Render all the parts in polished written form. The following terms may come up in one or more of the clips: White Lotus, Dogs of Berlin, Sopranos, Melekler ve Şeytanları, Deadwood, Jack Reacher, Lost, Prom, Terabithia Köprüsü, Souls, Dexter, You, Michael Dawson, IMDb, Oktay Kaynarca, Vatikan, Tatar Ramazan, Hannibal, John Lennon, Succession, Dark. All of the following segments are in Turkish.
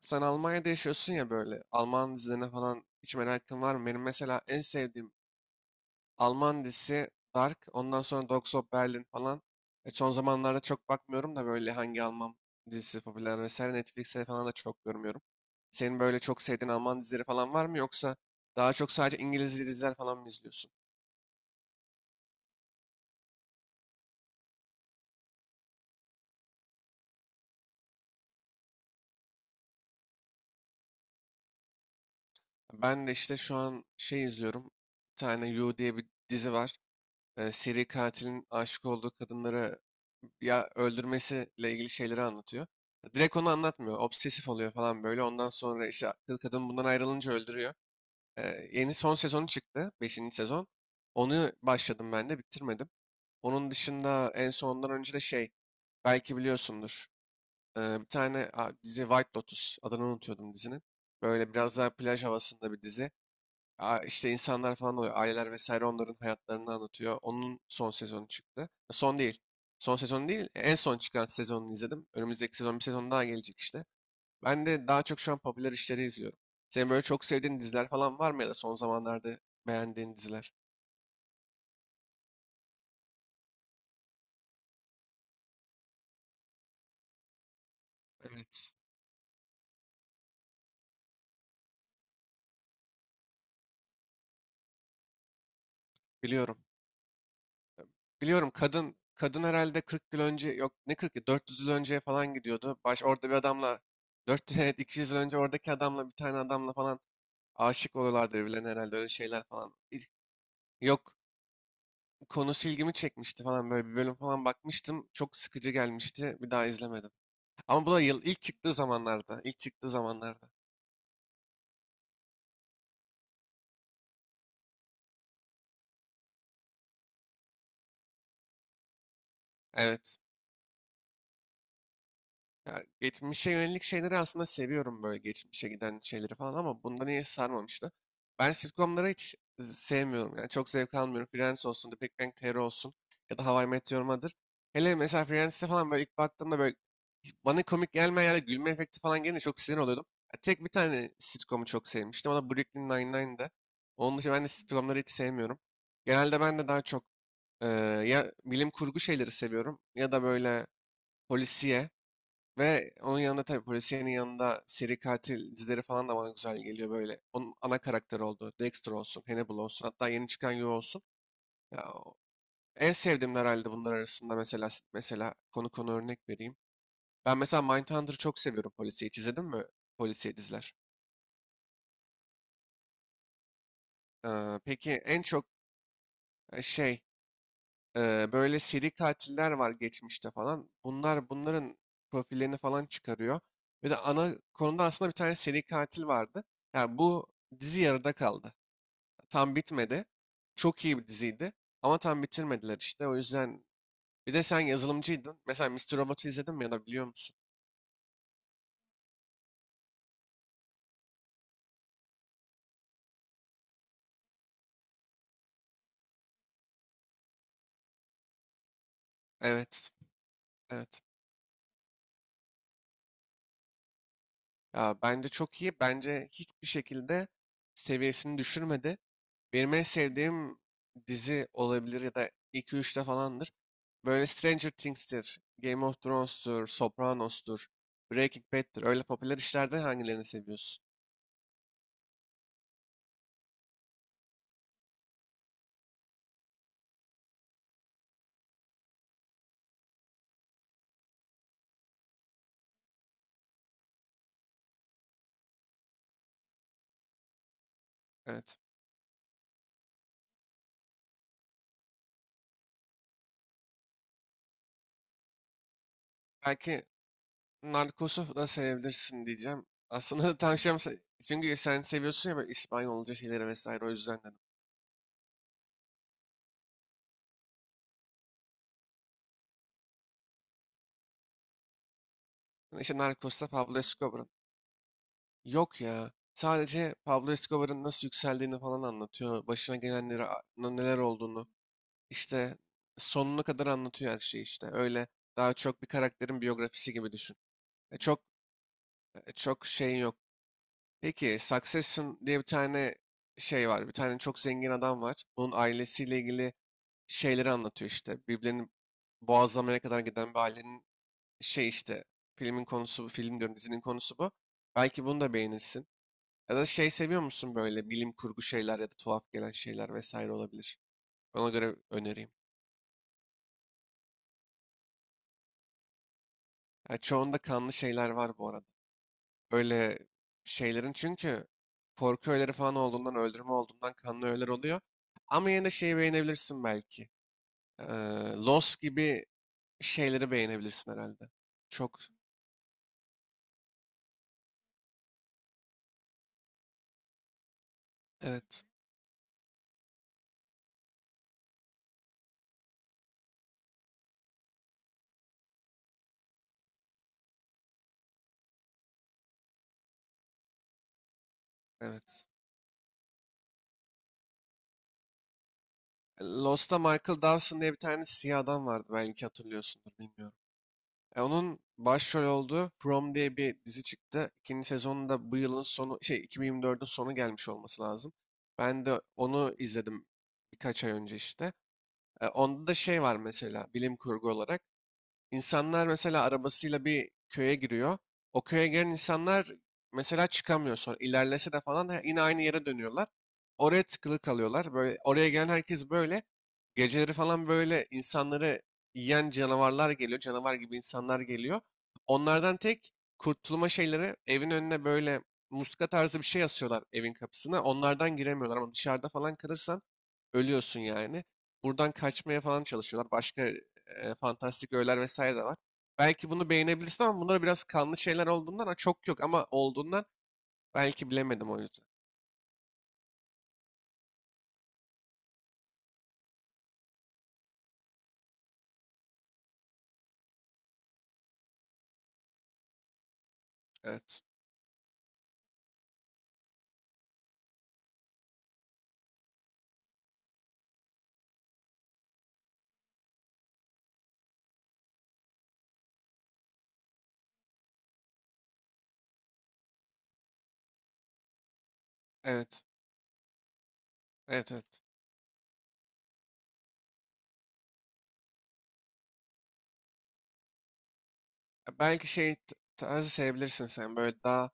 Sen Almanya'da yaşıyorsun ya böyle. Alman dizilerine falan hiç merakın var mı? Benim mesela en sevdiğim Alman dizisi Dark. Ondan sonra Dogs of Berlin falan. Son zamanlarda çok bakmıyorum da böyle hangi Alman dizisi popüler vesaire Netflix'e falan da çok görmüyorum. Senin böyle çok sevdiğin Alman dizileri falan var mı? Yoksa daha çok sadece İngiliz diziler falan mı izliyorsun? Ben de işte şu an şey izliyorum. Bir tane You diye bir dizi var. Seri katilin aşık olduğu kadınları ya öldürmesiyle ilgili şeyleri anlatıyor. Direkt onu anlatmıyor. Obsesif oluyor falan böyle. Ondan sonra işte kadın bundan ayrılınca öldürüyor. E, yeni son sezonu çıktı. Beşinci sezon. Onu başladım ben de bitirmedim. Onun dışında en sondan önce de şey belki biliyorsundur. Bir tane dizi White Lotus adını unutuyordum dizinin. Böyle biraz daha plaj havasında bir dizi. Aa, işte insanlar falan oluyor. Aileler vesaire onların hayatlarını anlatıyor. Onun son sezonu çıktı. Son değil. Son sezonu değil. En son çıkan sezonunu izledim. Önümüzdeki sezon bir sezon daha gelecek işte. Ben de daha çok şu an popüler işleri izliyorum. Senin böyle çok sevdiğin diziler falan var mı ya da son zamanlarda beğendiğin diziler? Evet. Biliyorum. Biliyorum, kadın herhalde 40 yıl önce, yok ne 40 yıl, 400 yıl önce falan gidiyordu. Baş orada bir adamla 4 evet 200 yıl önce oradaki adamla bir tane adamla falan aşık oluyorlardı birbirlerine herhalde, öyle şeyler falan. Yok, konusu ilgimi çekmişti falan, böyle bir bölüm falan bakmıştım. Çok sıkıcı gelmişti. Bir daha izlemedim. Ama bu da yıl ilk çıktığı zamanlarda. Evet. Ya, geçmişe yönelik şeyleri aslında seviyorum, böyle geçmişe giden şeyleri falan, ama bunda niye sarmamıştı? Ben sitcomları hiç sevmiyorum, yani çok zevk almıyorum. Friends olsun, The Big Bang Theory olsun, ya da How I Met Your Mother. Hele mesela Friends'te falan, böyle ilk baktığımda, böyle hiç bana komik gelmeyen yerde gülme efekti falan gelince çok sinir oluyordum. Ya, tek bir tane sitcomu çok sevmiştim, o da Brooklyn Nine-Nine'dı. Onun dışında ben de sitcomları hiç sevmiyorum. Genelde ben de daha çok eee, ya bilim kurgu şeyleri seviyorum, ya da böyle polisiye. Ve onun yanında, tabii polisiyenin yanında, seri katil dizileri falan da bana güzel geliyor böyle. Onun ana karakter olduğu Dexter olsun, Hannibal olsun, hatta yeni çıkan You olsun. Ya, en sevdiğim herhalde bunlar arasında. Mesela, konu örnek vereyim. Ben mesela Mindhunter'ı çok seviyorum, polisiye. Hiç izledin mi polisiye diziler? Peki en çok şey. Böyle seri katiller var geçmişte falan. Bunlar bunların profillerini falan çıkarıyor. Ve de ana konuda aslında bir tane seri katil vardı. Yani bu dizi yarıda kaldı. Tam bitmedi. Çok iyi bir diziydi. Ama tam bitirmediler işte. O yüzden bir de, sen yazılımcıydın. Mesela Mister Robot'u izledin mi, ya da biliyor musun? Evet. Evet. Ya bence çok iyi. Bence hiçbir şekilde seviyesini düşürmedi. Benim en sevdiğim dizi olabilir ya da iki üçte falandır. Böyle Stranger Things'tir, Game of Thrones'tur, Sopranos'tur, Breaking Bad'tir. Öyle popüler işlerden hangilerini seviyorsun? Evet. Belki Narcos'u da sevebilirsin diyeceğim. Aslında tavsiyem çünkü sen seviyorsun ya böyle İspanyolca şeyleri vesaire, o yüzden dedim. Yani İşte Narcos'ta Pablo Escobar'ın. Yok ya. Sadece Pablo Escobar'ın nasıl yükseldiğini falan anlatıyor. Başına gelenleri, neler olduğunu. İşte sonuna kadar anlatıyor her şeyi işte. Öyle, daha çok bir karakterin biyografisi gibi düşün. E, çok çok şeyin yok. Peki, Succession diye bir tane şey var. Bir tane çok zengin adam var. Bunun ailesiyle ilgili şeyleri anlatıyor işte. Birbirlerini boğazlamaya kadar giden bir ailenin şey işte. Filmin konusu bu. Film diyorum, dizinin konusu bu. Belki bunu da beğenirsin. Ya da şey, seviyor musun böyle bilim kurgu şeyler ya da tuhaf gelen şeyler vesaire olabilir. Ona göre önereyim. Ya çoğunda kanlı şeyler var bu arada. Öyle şeylerin, çünkü korku öğeleri falan olduğundan, öldürme olduğundan, kanlı öğeler oluyor. Ama yine de şeyi beğenebilirsin belki. Ee, Lost gibi şeyleri beğenebilirsin herhalde. Çok, evet, evet. Lost'ta Michael Dawson diye bir tane siyah adam vardı, belki hatırlıyorsundur, bilmiyorum. Onun başrol olduğu Prom diye bir dizi çıktı. İkinci sezonunda, bu yılın sonu, şey 2024'ün sonu gelmiş olması lazım. Ben de onu izledim birkaç ay önce işte. Onda da şey var mesela, bilim kurgu olarak. İnsanlar mesela arabasıyla bir köye giriyor. O köye giren insanlar mesela çıkamıyor sonra. İlerlese de falan yine aynı yere dönüyorlar. Oraya tıkılı kalıyorlar. Böyle oraya gelen herkes böyle. Geceleri falan böyle insanları yiyen canavarlar geliyor. Canavar gibi insanlar geliyor. Onlardan tek kurtulma şeyleri, evin önüne böyle muska tarzı bir şey asıyorlar evin kapısına. Onlardan giremiyorlar, ama dışarıda falan kalırsan ölüyorsun yani. Buradan kaçmaya falan çalışıyorlar. Başka fantastik öğeler vesaire de var. Belki bunu beğenebilirsin ama bunlar biraz kanlı şeyler olduğundan, çok yok ama olduğundan, belki, bilemedim o yüzden. Evet. Evet. Evet, evet. Ya belki şey tarzı sevebilirsin sen, böyle daha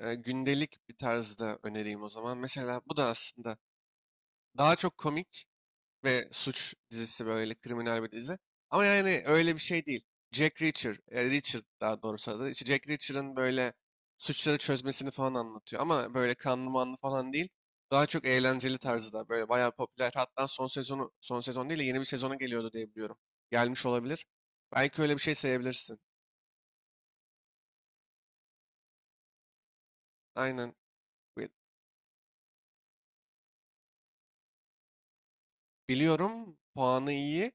gündelik bir tarzda önereyim o zaman. Mesela bu da aslında daha çok komik ve suç dizisi, böyle kriminal bir dizi. Ama yani öyle bir şey değil. Jack Reacher, Reacher daha doğrusu adı. İşte Jack Reacher'ın böyle suçları çözmesini falan anlatıyor. Ama böyle kanlı manlı falan değil. Daha çok eğlenceli tarzda, böyle bayağı popüler. Hatta son sezonu, son sezon değil de, yeni bir sezonu geliyordu diye biliyorum. Gelmiş olabilir. Belki öyle bir şey sevebilirsin. Aynen. Bi- Biliyorum, puanı iyi.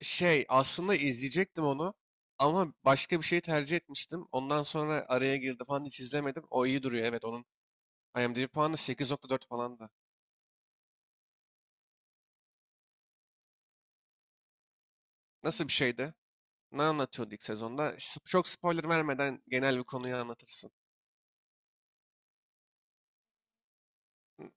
Şey, aslında izleyecektim onu ama başka bir şey tercih etmiştim. Ondan sonra araya girdi falan, hiç izlemedim. O iyi duruyor, evet, onun IMDb puanı 8.4 falan da. Nasıl bir şeydi? Ne anlatıyordu ilk sezonda? Çok spoiler vermeden genel bir konuyu anlatırsın. Hı.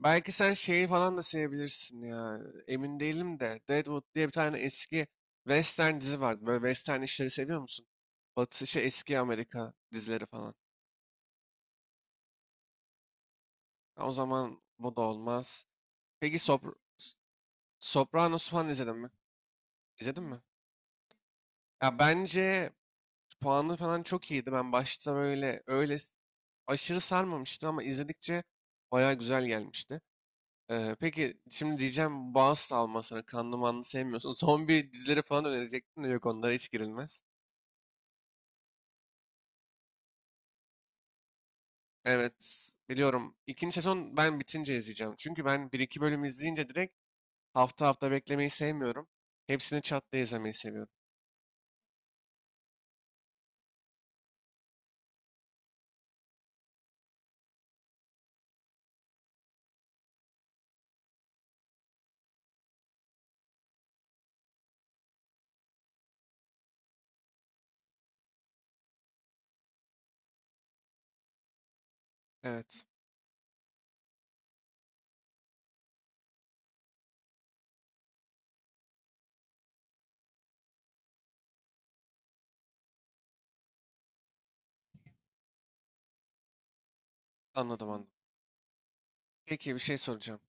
Belki sen şeyi falan da sevebilirsin ya. Emin değilim de Deadwood diye bir tane eski western dizi vardı. Böyle western işleri seviyor musun? Batı şey, eski Amerika dizileri falan. Ha, O zaman bu da olmaz. Peki Sopranos falan izledin mi? İzledin mi? Ya bence puanı falan çok iyiydi. Ben başta, böyle öyle aşırı sarmamıştı, ama izledikçe baya güzel gelmişti. Peki şimdi diyeceğim, bağız salma sana, kanlı manlı sevmiyorsun. Zombi dizileri falan önerecektim de, yok, onlara hiç girilmez. Evet, biliyorum. İkinci sezon ben bitince izleyeceğim. Çünkü ben bir iki bölüm izleyince direkt, hafta hafta beklemeyi sevmiyorum. Hepsini çat diye izlemeyi seviyorum. Evet, anladım anladım. Peki bir şey soracağım.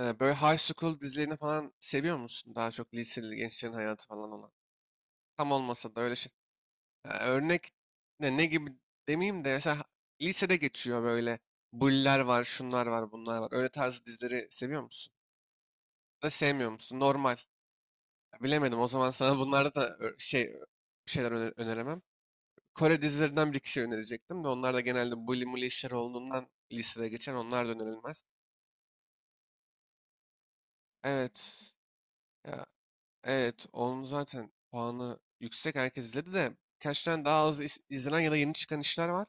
Böyle high school dizilerini falan seviyor musun? Daha çok liseli gençlerin hayatı falan olan. Tam olmasa da öyle şey. Ya örnek ne gibi demeyeyim de, mesela lisede geçiyor böyle. Bulliler var, şunlar var, bunlar var. Öyle tarzı dizileri seviyor musun? Da sevmiyor musun? Normal. Ya bilemedim. O zaman sana bunlarda da şey bir şeyler öneremem. Kore dizilerinden bir iki şey önerecektim de, onlar da genelde bully mully işler olduğundan, lisede geçen, onlar da önerilmez. Evet. Ya, evet, onun zaten puanı yüksek, herkes izledi, de birkaç tane daha az izlenen ya da yeni çıkan işler var.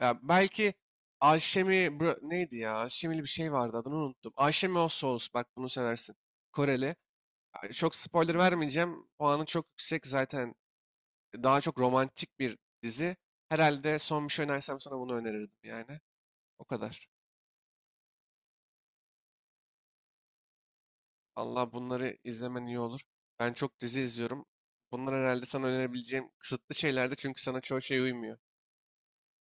Ya belki Alşemi, neydi ya? Alşemili bir şey vardı, adını unuttum. Alşemi o Souls, bak bunu seversin. Koreli. Ya çok spoiler vermeyeceğim. Puanı çok yüksek zaten. Daha çok romantik bir dizi. Herhalde son bir şey önersem sana bunu önerirdim yani. O kadar. Allah bunları izlemen iyi olur. Ben çok dizi izliyorum. Bunlar herhalde sana önerebileceğim kısıtlı şeylerdi, çünkü sana çoğu şey uymuyor.